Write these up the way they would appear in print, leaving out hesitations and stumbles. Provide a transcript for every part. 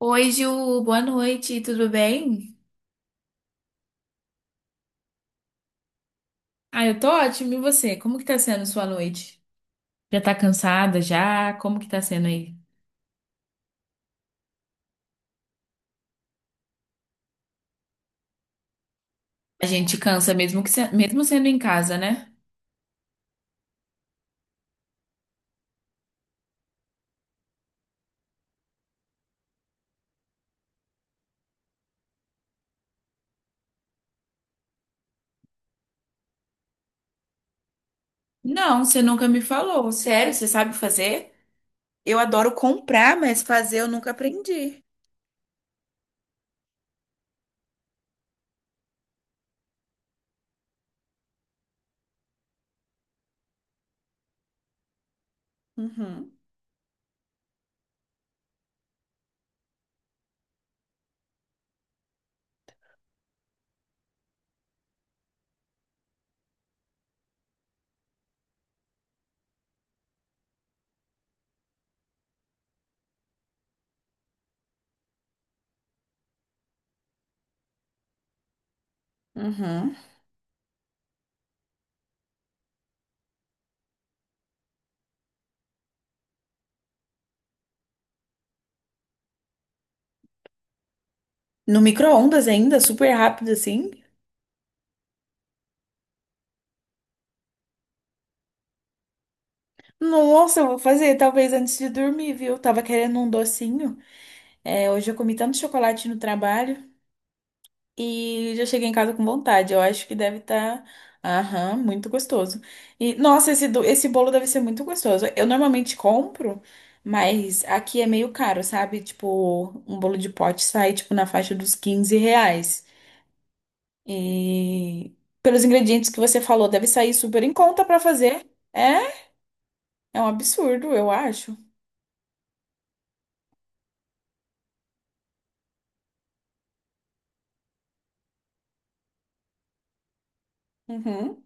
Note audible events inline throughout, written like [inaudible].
Oi, Ju, boa noite, tudo bem? Ah, eu tô ótimo, e você? Como que tá sendo sua noite? Já tá cansada já? Como que tá sendo aí? A gente cansa mesmo que se- mesmo sendo em casa, né? Não, você nunca me falou. Sério, você sabe fazer? Eu adoro comprar, mas fazer eu nunca aprendi. Uhum, uhum. No micro-ondas ainda, super rápido assim. Nossa, eu vou fazer talvez antes de dormir, viu? Tava querendo um docinho. É, hoje eu comi tanto chocolate no trabalho. E já cheguei em casa com vontade. Eu acho que deve estar, aham, muito gostoso. E nossa, esse bolo deve ser muito gostoso. Eu normalmente compro, mas aqui é meio caro, sabe? Tipo, um bolo de pote sai tipo na faixa dos 15 reais. E pelos ingredientes que você falou, deve sair super em conta pra fazer. É, é um absurdo, eu acho. Uhum.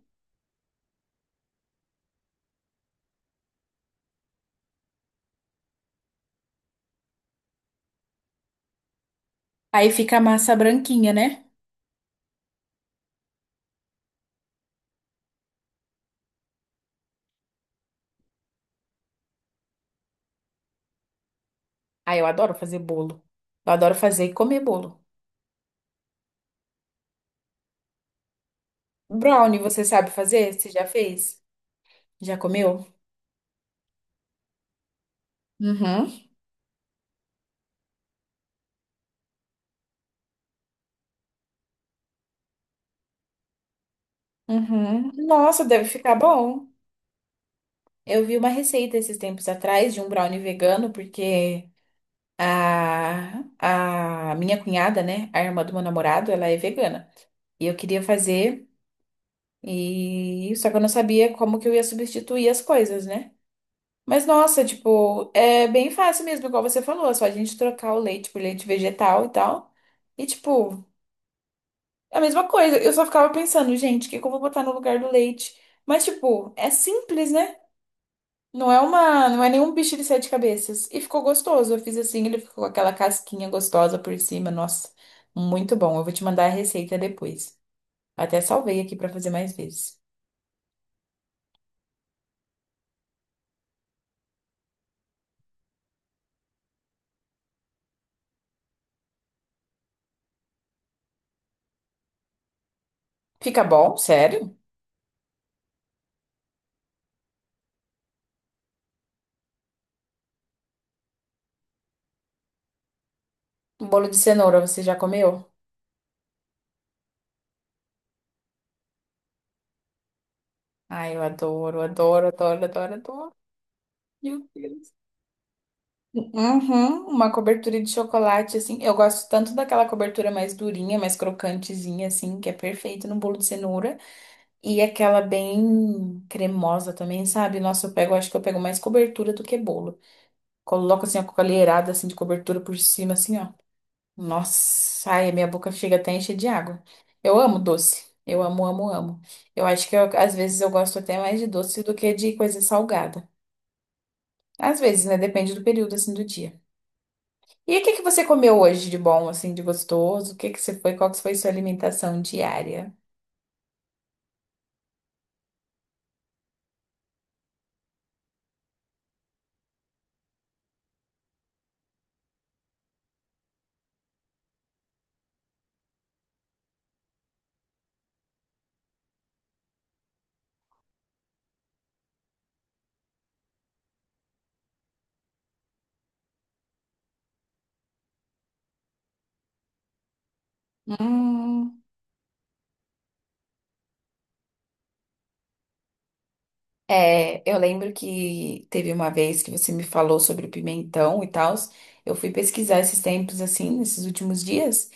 Aí fica a massa branquinha, né? Ah, eu adoro fazer bolo. Eu adoro fazer e comer bolo. Brownie, você sabe fazer? Você já fez? Já comeu? Uhum, uhum. Nossa, deve ficar bom. Eu vi uma receita esses tempos atrás de um brownie vegano, porque a minha cunhada, né, a irmã do meu namorado, ela é vegana. E eu queria fazer, e só que eu não sabia como que eu ia substituir as coisas, né? Mas nossa, tipo, é bem fácil mesmo, igual você falou, é só a gente trocar o leite por leite vegetal e tal. E tipo, é a mesma coisa. Eu só ficava pensando, gente, o que que eu vou botar no lugar do leite? Mas, tipo, é simples, né? Não é nenhum bicho de sete cabeças. E ficou gostoso. Eu fiz assim, ele ficou com aquela casquinha gostosa por cima. Nossa, muito bom. Eu vou te mandar a receita depois. Até salvei aqui pra fazer mais vezes. Fica bom? Sério? Um bolo de cenoura, você já comeu? Ai, eu adoro, adoro, adoro, adoro, adoro. Meu Deus. Uhum, uma cobertura de chocolate, assim. Eu gosto tanto daquela cobertura mais durinha, mais crocantezinha, assim, que é perfeito no bolo de cenoura. E aquela bem cremosa também, sabe? Nossa, eu pego, acho que eu pego mais cobertura do que bolo. Coloco, assim, a colherada, assim, de cobertura por cima, assim, ó. Nossa, ai, a minha boca chega até a encher de água. Eu amo doce. Eu amo, amo, amo. Eu acho que às vezes eu gosto até mais de doce do que de coisa salgada. Às vezes, né? Depende do período, assim, do dia. E o que que você comeu hoje de bom, assim, de gostoso? O que que você foi? Qual que foi sua alimentação diária? Hum, É, eu lembro que teve uma vez que você me falou sobre o pimentão e tal. Eu fui pesquisar esses tempos, assim, nesses últimos dias.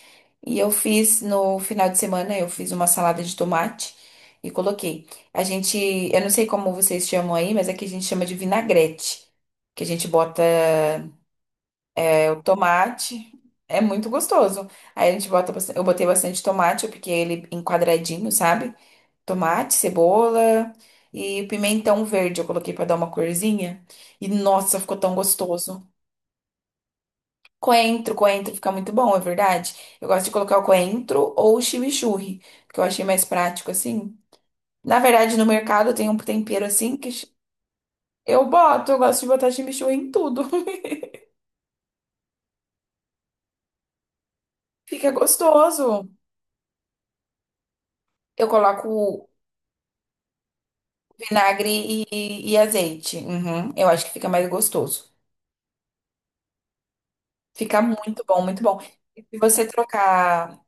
E eu fiz, no final de semana, eu fiz uma salada de tomate e coloquei. A gente, eu não sei como vocês chamam aí, mas aqui a gente chama de vinagrete. Que a gente bota. É o tomate. É muito gostoso. Aí a gente bota, eu botei bastante tomate, eu piquei ele em quadradinho, sabe? Tomate, cebola e pimentão verde eu coloquei pra dar uma corzinha. E nossa, ficou tão gostoso. Coentro, coentro fica muito bom, é verdade. Eu gosto de colocar o coentro ou o chimichurri, que eu achei mais prático assim. Na verdade, no mercado tem um tempero assim eu boto, eu gosto de botar chimichurri em tudo. [laughs] Fica gostoso. Eu coloco vinagre e azeite. Uhum. Eu acho que fica mais gostoso. Fica muito bom, muito bom. E se você trocar,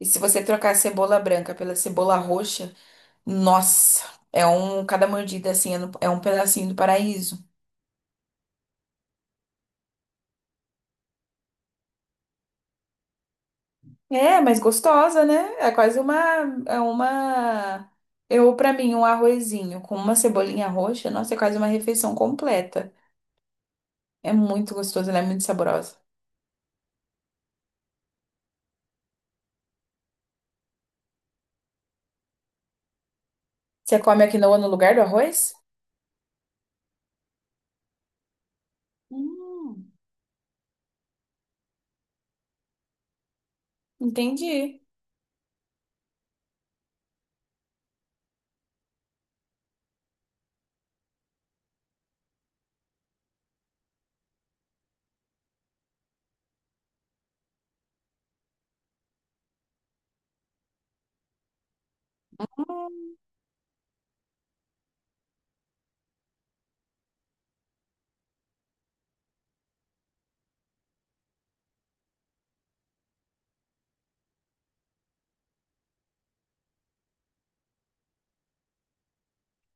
e se você trocar a cebola branca pela cebola roxa, nossa, cada mordida assim é um pedacinho do paraíso. É, mas gostosa, né? É uma, eu pra mim um arrozinho com uma cebolinha roxa, nossa, é quase uma refeição completa. É muito gostoso, ela é muito saborosa. Você come a quinoa no lugar do arroz? Hum, entendi. Hum,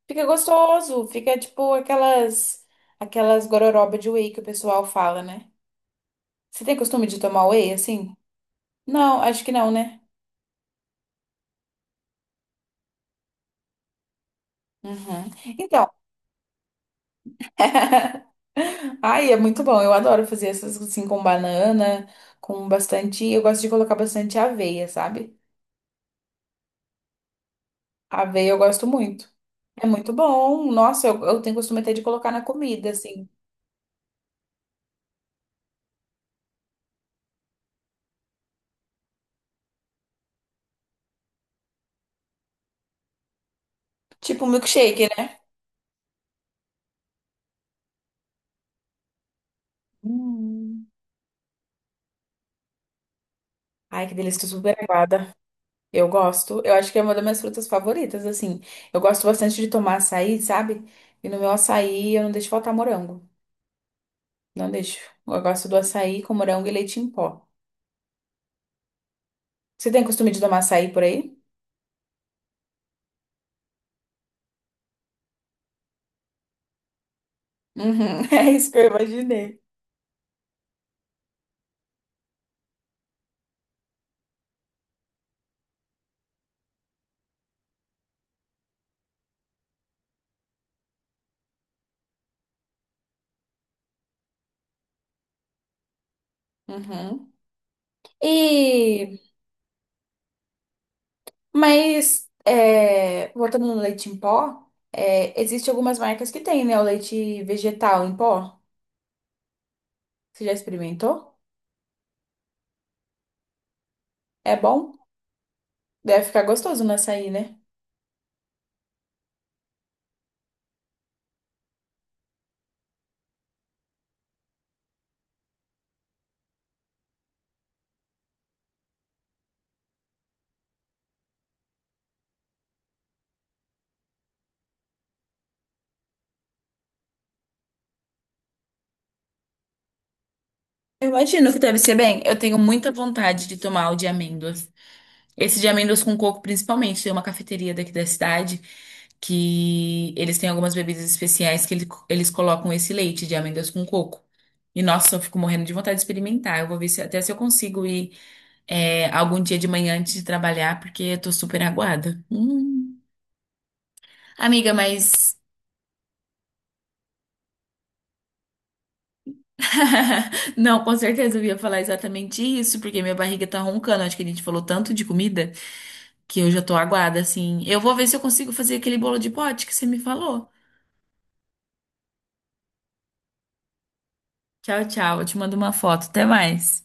Fica gostoso, fica tipo aquelas gororoba de whey que o pessoal fala, né? Você tem costume de tomar whey assim? Não, acho que não, né? Uhum. Então, [laughs] ai, é muito bom. Eu adoro fazer essas assim com banana, com bastante. Eu gosto de colocar bastante aveia, sabe? Aveia eu gosto muito. É muito bom. Nossa, eu tenho costume até de colocar na comida, assim. Tipo um milkshake, né? Hum. Ai, que delícia, tô super aguada. Eu gosto. Eu acho que é uma das minhas frutas favoritas, assim. Eu gosto bastante de tomar açaí, sabe? E no meu açaí eu não deixo faltar morango. Não deixo. Eu gosto do açaí com morango e leite em pó. Você tem costume de tomar açaí por aí? Uhum, [laughs] é isso que eu imaginei. Uhum. E, mas, é, voltando no leite em pó, é, existe algumas marcas que tem, né? O leite vegetal em pó. Você já experimentou? É bom? Deve ficar gostoso no açaí, né? Eu imagino que deve ser bem. Eu tenho muita vontade de tomar o de amêndoas. Esse de amêndoas com coco, principalmente. Tem uma cafeteria daqui da cidade que eles têm algumas bebidas especiais eles colocam esse leite de amêndoas com coco. E nossa, eu fico morrendo de vontade de experimentar. Eu vou ver se, até se eu consigo ir é, algum dia de manhã antes de trabalhar, porque eu tô super aguada. Hum. Amiga, mas. [laughs] Não, com certeza eu ia falar exatamente isso, porque minha barriga tá roncando. Acho que a gente falou tanto de comida que eu já tô aguada, assim. Eu vou ver se eu consigo fazer aquele bolo de pote que você me falou. Tchau, tchau. Eu te mando uma foto. Até mais.